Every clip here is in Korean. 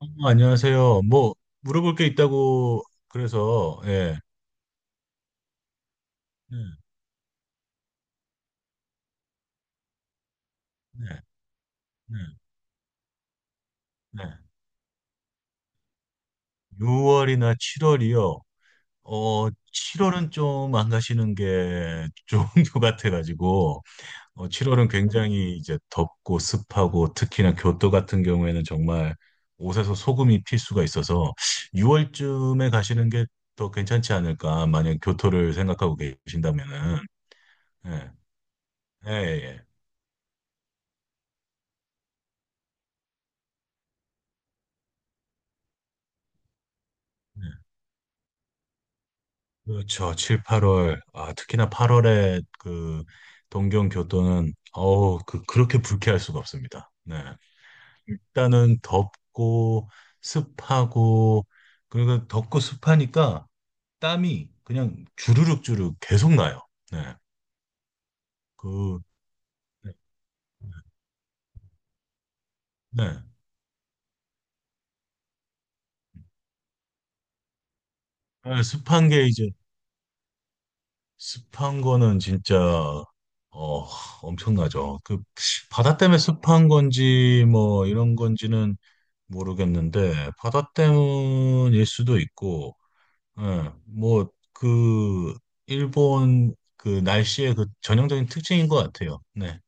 안녕하세요. 뭐 물어볼 게 있다고 그래서 예. 네, 네, 네, 네. 6월이나 7월이요. 7월은 좀 안 가시는 게 좋은 것 같아가지고. 7월은 굉장히 이제 덥고 습하고 특히나 교토 같은 경우에는 정말 옷에서 소금이 필 수가 있어서 6월쯤에 가시는 게 더 괜찮지 않을까, 만약 교토를 생각하고 계신다면은? 예, 예, 예. 예. 그렇죠. 7, 8월. 아, 특히나 8월에 그 동경 교토는 어우, 그렇게 불쾌할 수가 없습니다. 네. 일단은 덥고 습하고 그리고 덥고 습하니까 땀이 그냥 주르륵 주르륵 계속 나요. 네. 그 네. 네. 아, 습한 게 이제 습한 거는 진짜 어, 엄청나죠. 그 바다 때문에 습한 건지 뭐 이런 건지는 모르겠는데 바다 때문일 수도 있고, 예, 뭐그 일본 그 날씨의 그 전형적인 특징인 것 같아요. 네,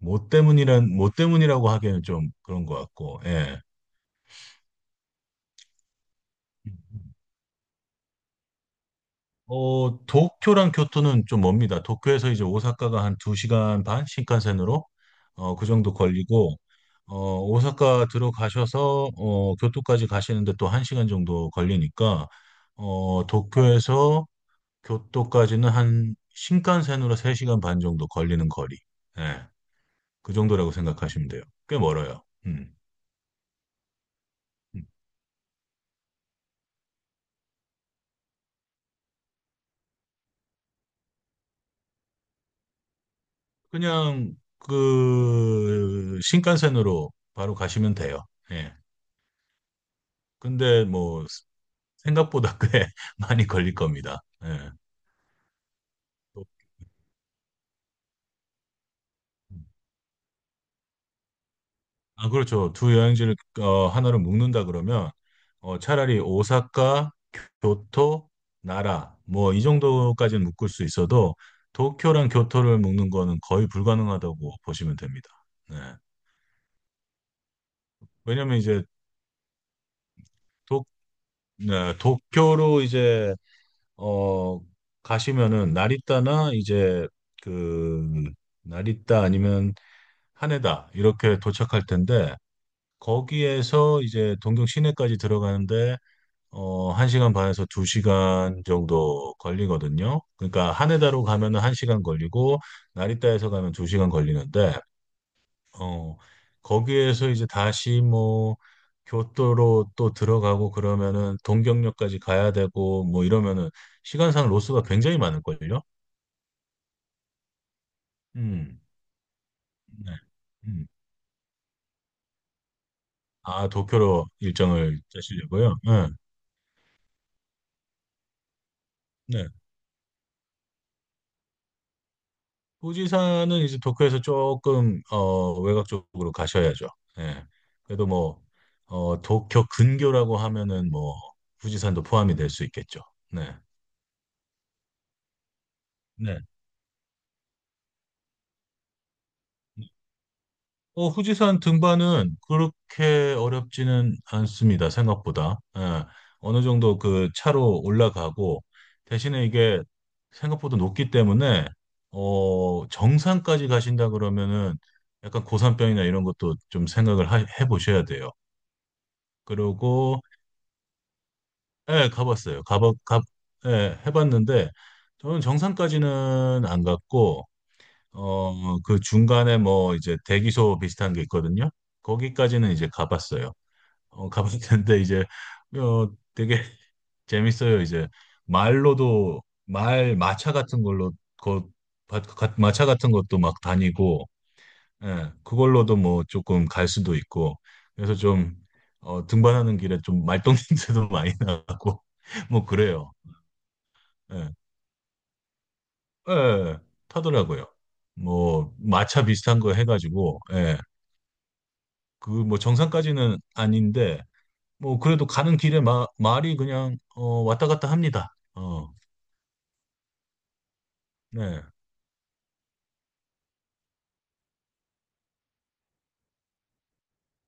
뭐 때문이란 뭐 때문이라고 하기에는 좀 그런 것 같고, 예. 도쿄랑 교토는 좀 멉니다. 도쿄에서 이제 오사카가 한 2시간 반 신칸센으로 그 정도 걸리고 오사카 들어가셔서 교토까지 가시는데 또 1시간 정도 걸리니까 도쿄에서 교토까지는 한 신칸센으로 3시간 반 정도 걸리는 거리. 예. 그 정도라고 생각하시면 돼요. 꽤 멀어요. 음. 음. 그냥 그 신칸센으로 바로 가시면 돼요. 예. 근데 뭐 생각보다 꽤 많이 걸릴 겁니다. 예. 아, 그렇죠. 두 여행지를 하나로 묶는다 그러면 차라리 오사카, 교토, 나라 뭐 이 정도까지는 묶을 수 있어도 도쿄랑 교토를 묶는 거는 거의 불가능하다고 보시면 됩니다. 네. 왜냐면 이제 도, 네, 도쿄로 이제 어, 가시면은 나리타나 이제 그 나리타 아니면 하네다 이렇게 도착할 텐데 거기에서 이제 동경 시내까지 들어가는데 1시간 반에서 2시간 정도 걸리거든요. 그러니까 하네다로 가면은 1시간 걸리고 나리타에서 가면 2시간 걸리는데 어, 거기에서 이제 다시 뭐 교토로 또 들어가고 그러면은 동경역까지 가야 되고 뭐 이러면은 시간상 로스가 굉장히 많을걸요. 음. 네. 음. 아, 도쿄로 일정을 짜시려고요? 네. 네. 부지사는 이제 도쿄에서 조금 외곽 쪽으로 가셔야죠. 예. 그래도 뭐 도쿄 근교라고 하면은 뭐 후지산도 포함이 될 수 있겠죠. 네. 네. 후지산 등반은 그렇게 어렵지는 않습니다. 생각보다. 예. 어느 정도 그 차로 올라가고 대신에 이게 생각보다 높기 때문에 정상까지 가신다 그러면은 약간 고산병이나 이런 것도 좀 생각을 해보셔야 돼요. 그러고 예, 가봤어요. 가봐 가 예, 해봤는데 저는 정상까지는 안 갔고 그 중간에 뭐 이제 대기소 비슷한 게 있거든요. 거기까지는 이제 가봤어요. 가봤는데 이제 되게 재밌어요. 이제 말로도 말 마차 같은 걸로 그 마차 같은 것도 막 다니고 예, 그걸로도 뭐 조금 갈 수도 있고, 그래서 좀, 등반하는 길에 좀 말똥 냄새도 많이 나고, 뭐 그래요. 예, 예, 타더라고요. 뭐, 마차 비슷한 거 해가지고, 예, 그 뭐 정상까지는 아닌데, 뭐 그래도 가는 길에 말이 그냥, 왔다 갔다 합니다. 네.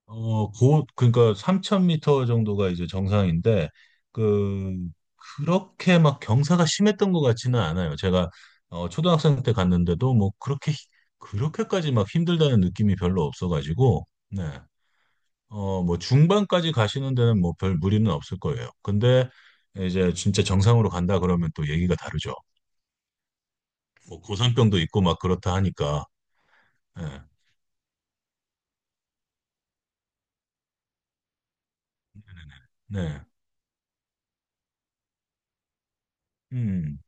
그러니까 3,000m 정도가 이제 정상인데, 그, 그렇게 막 경사가 심했던 것 같지는 않아요. 제가, 초등학생 때 갔는데도 뭐 그렇게, 그렇게까지 막 힘들다는 느낌이 별로 없어가지고, 네. 뭐 중반까지 가시는 데는 뭐 별 무리는 없을 거예요. 근데 이제 진짜 정상으로 간다 그러면 또 얘기가 다르죠. 뭐 고산병도 있고 막 그렇다 하니까, 예. 네. 네. 네. 네. 음,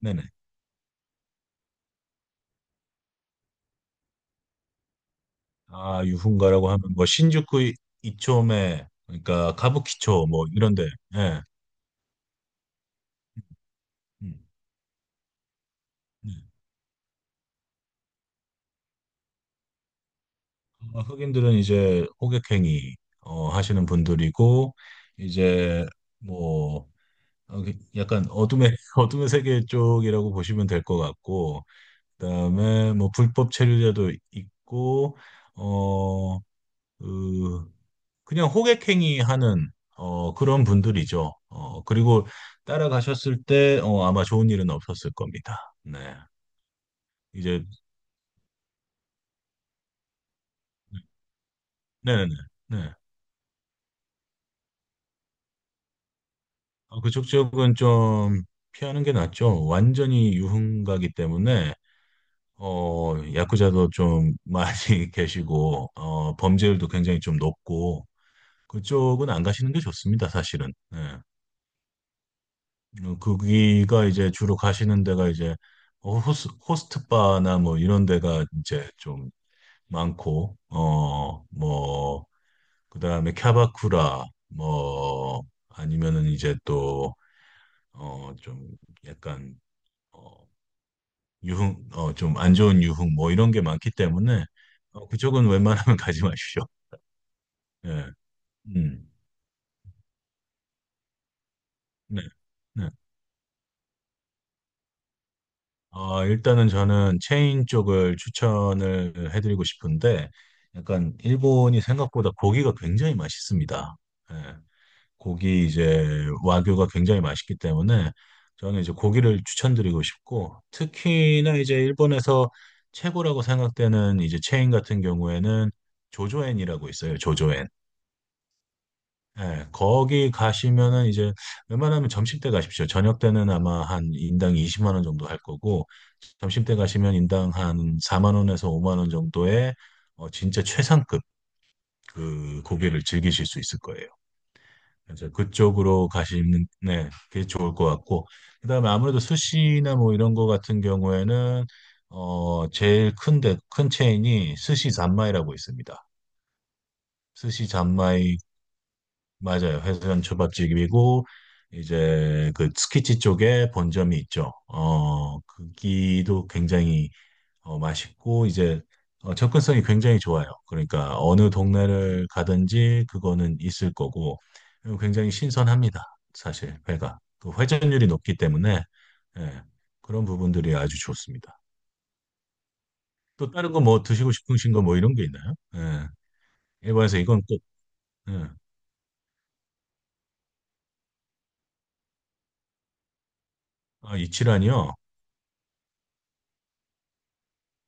네네. 아, 유흥가라고 하면 뭐 신주쿠 이초메, 그러니까 가부키초 뭐 이런데. 예. 음, 네. 흑인들은 이제 호객행위 하시는 분들이고 이제 뭐 그 약간 어둠의 어둠의 세계 쪽이라고 보시면 될 것 같고 그다음에 뭐 불법 체류자도 있고 어그 그냥 호객행위 하는 그런 분들이죠. 그리고 따라가셨을 때 아마 좋은 일은 없었을 겁니다. 네. 이제 네네네. 네. 그쪽 지역은 좀 피하는 게 낫죠. 완전히 유흥가기 때문에 야쿠자도 좀 많이 계시고 범죄율도 굉장히 좀 높고 그쪽은 안 가시는 게 좋습니다, 사실은. 네. 거기가 이제 주로 가시는 데가 이제 호스트 바나 뭐 이런 데가 이제 좀 많고, 뭐, 그 다음에 캬바쿠라, 뭐, 아니면은 이제 또, 좀 약간, 어, 좀 안 좋은 유흥 뭐 이런 게 많기 때문에, 그쪽은 웬만하면 가지 마십시오. 예, 음, 네, 네. 일단은 저는 체인 쪽을 추천을 해드리고 싶은데, 약간 일본이 생각보다 고기가 굉장히 맛있습니다. 예, 고기 이제 와규가 굉장히 맛있기 때문에 저는 이제 고기를 추천드리고 싶고, 특히나 이제 일본에서 최고라고 생각되는 이제 체인 같은 경우에는 조조엔이라고 있어요. 조조엔. 예, 거기 가시면은 이제 웬만하면 점심 때 가십시오. 저녁 때는 아마 한 인당 20만 원 정도 할 거고 점심 때 가시면 인당 한 4만 원에서 5만 원 정도의 진짜 최상급 그 고기를 즐기실 수 있을 거예요. 그래서 그쪽으로 가시는, 네, 그게 좋을 것 같고 그다음에 아무래도 스시나 뭐 이런 거 같은 경우에는 제일 큰데 큰 체인이 스시 잔마이라고 있습니다. 스시 맞아요. 회전 초밥집이고 이제 그 스키치 쪽에 본점이 있죠. 거기도 굉장히 맛있고 이제 접근성이 굉장히 좋아요. 그러니까 어느 동네를 가든지 그거는 있을 거고 그리고 굉장히 신선합니다. 사실 회가 그 회전율이 높기 때문에. 예, 그런 부분들이 아주 좋습니다. 또 다른 거 뭐 드시고 싶으신 거 뭐 이런 게 있나요? 예, 일본에서 이건 꼭. 예, 아, 이치란이요.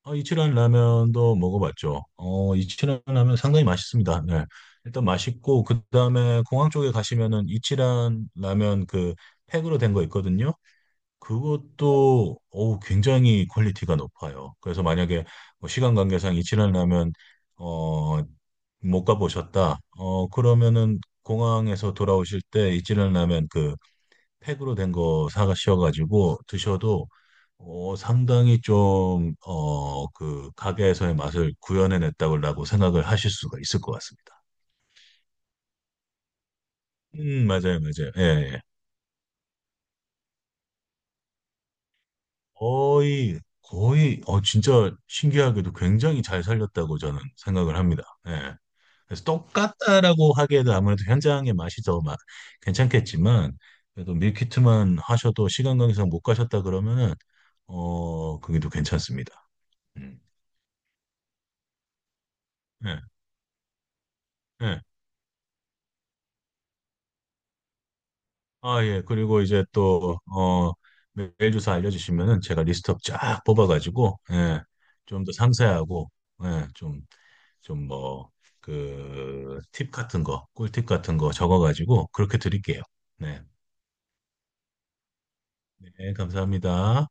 이치란 라면도 먹어봤죠. 이치란 라면 상당히 맛있습니다. 네. 일단 맛있고, 그 다음에 공항 쪽에 가시면은 이치란 라면 그 팩으로 된 거 있거든요. 그것도, 어우, 굉장히 퀄리티가 높아요. 그래서 만약에 뭐 시간 관계상 이치란 라면, 어, 못 가보셨다. 그러면은 공항에서 돌아오실 때 이치란 라면 그 팩으로 된 거 사가셔가지고 드셔도 상당히 좀, 그 가게에서의 맛을 구현해냈다고 생각을 하실 수가 있을 것 같습니다. 맞아요, 맞아요. 예, 예. 거의, 거의, 진짜 신기하게도 굉장히 잘 살렸다고 저는 생각을 합니다. 예. 그래서 똑같다라고 하기에도 아무래도 현장의 맛이 더 괜찮겠지만, 그래도 밀키트만 하셔도 시간 관계상 못 가셨다 그러면은, 그게 또 괜찮습니다. 음, 예, 예. 아, 예. 그리고 이제 또, 메일 주소 알려주시면은 제가 리스트업 쫙 뽑아가지고, 예. 좀 더 상세하고, 예. 좀 뭐, 그, 팁 같은 거, 꿀팁 같은 거 적어가지고, 그렇게 드릴게요. 네. 네. 감사합니다.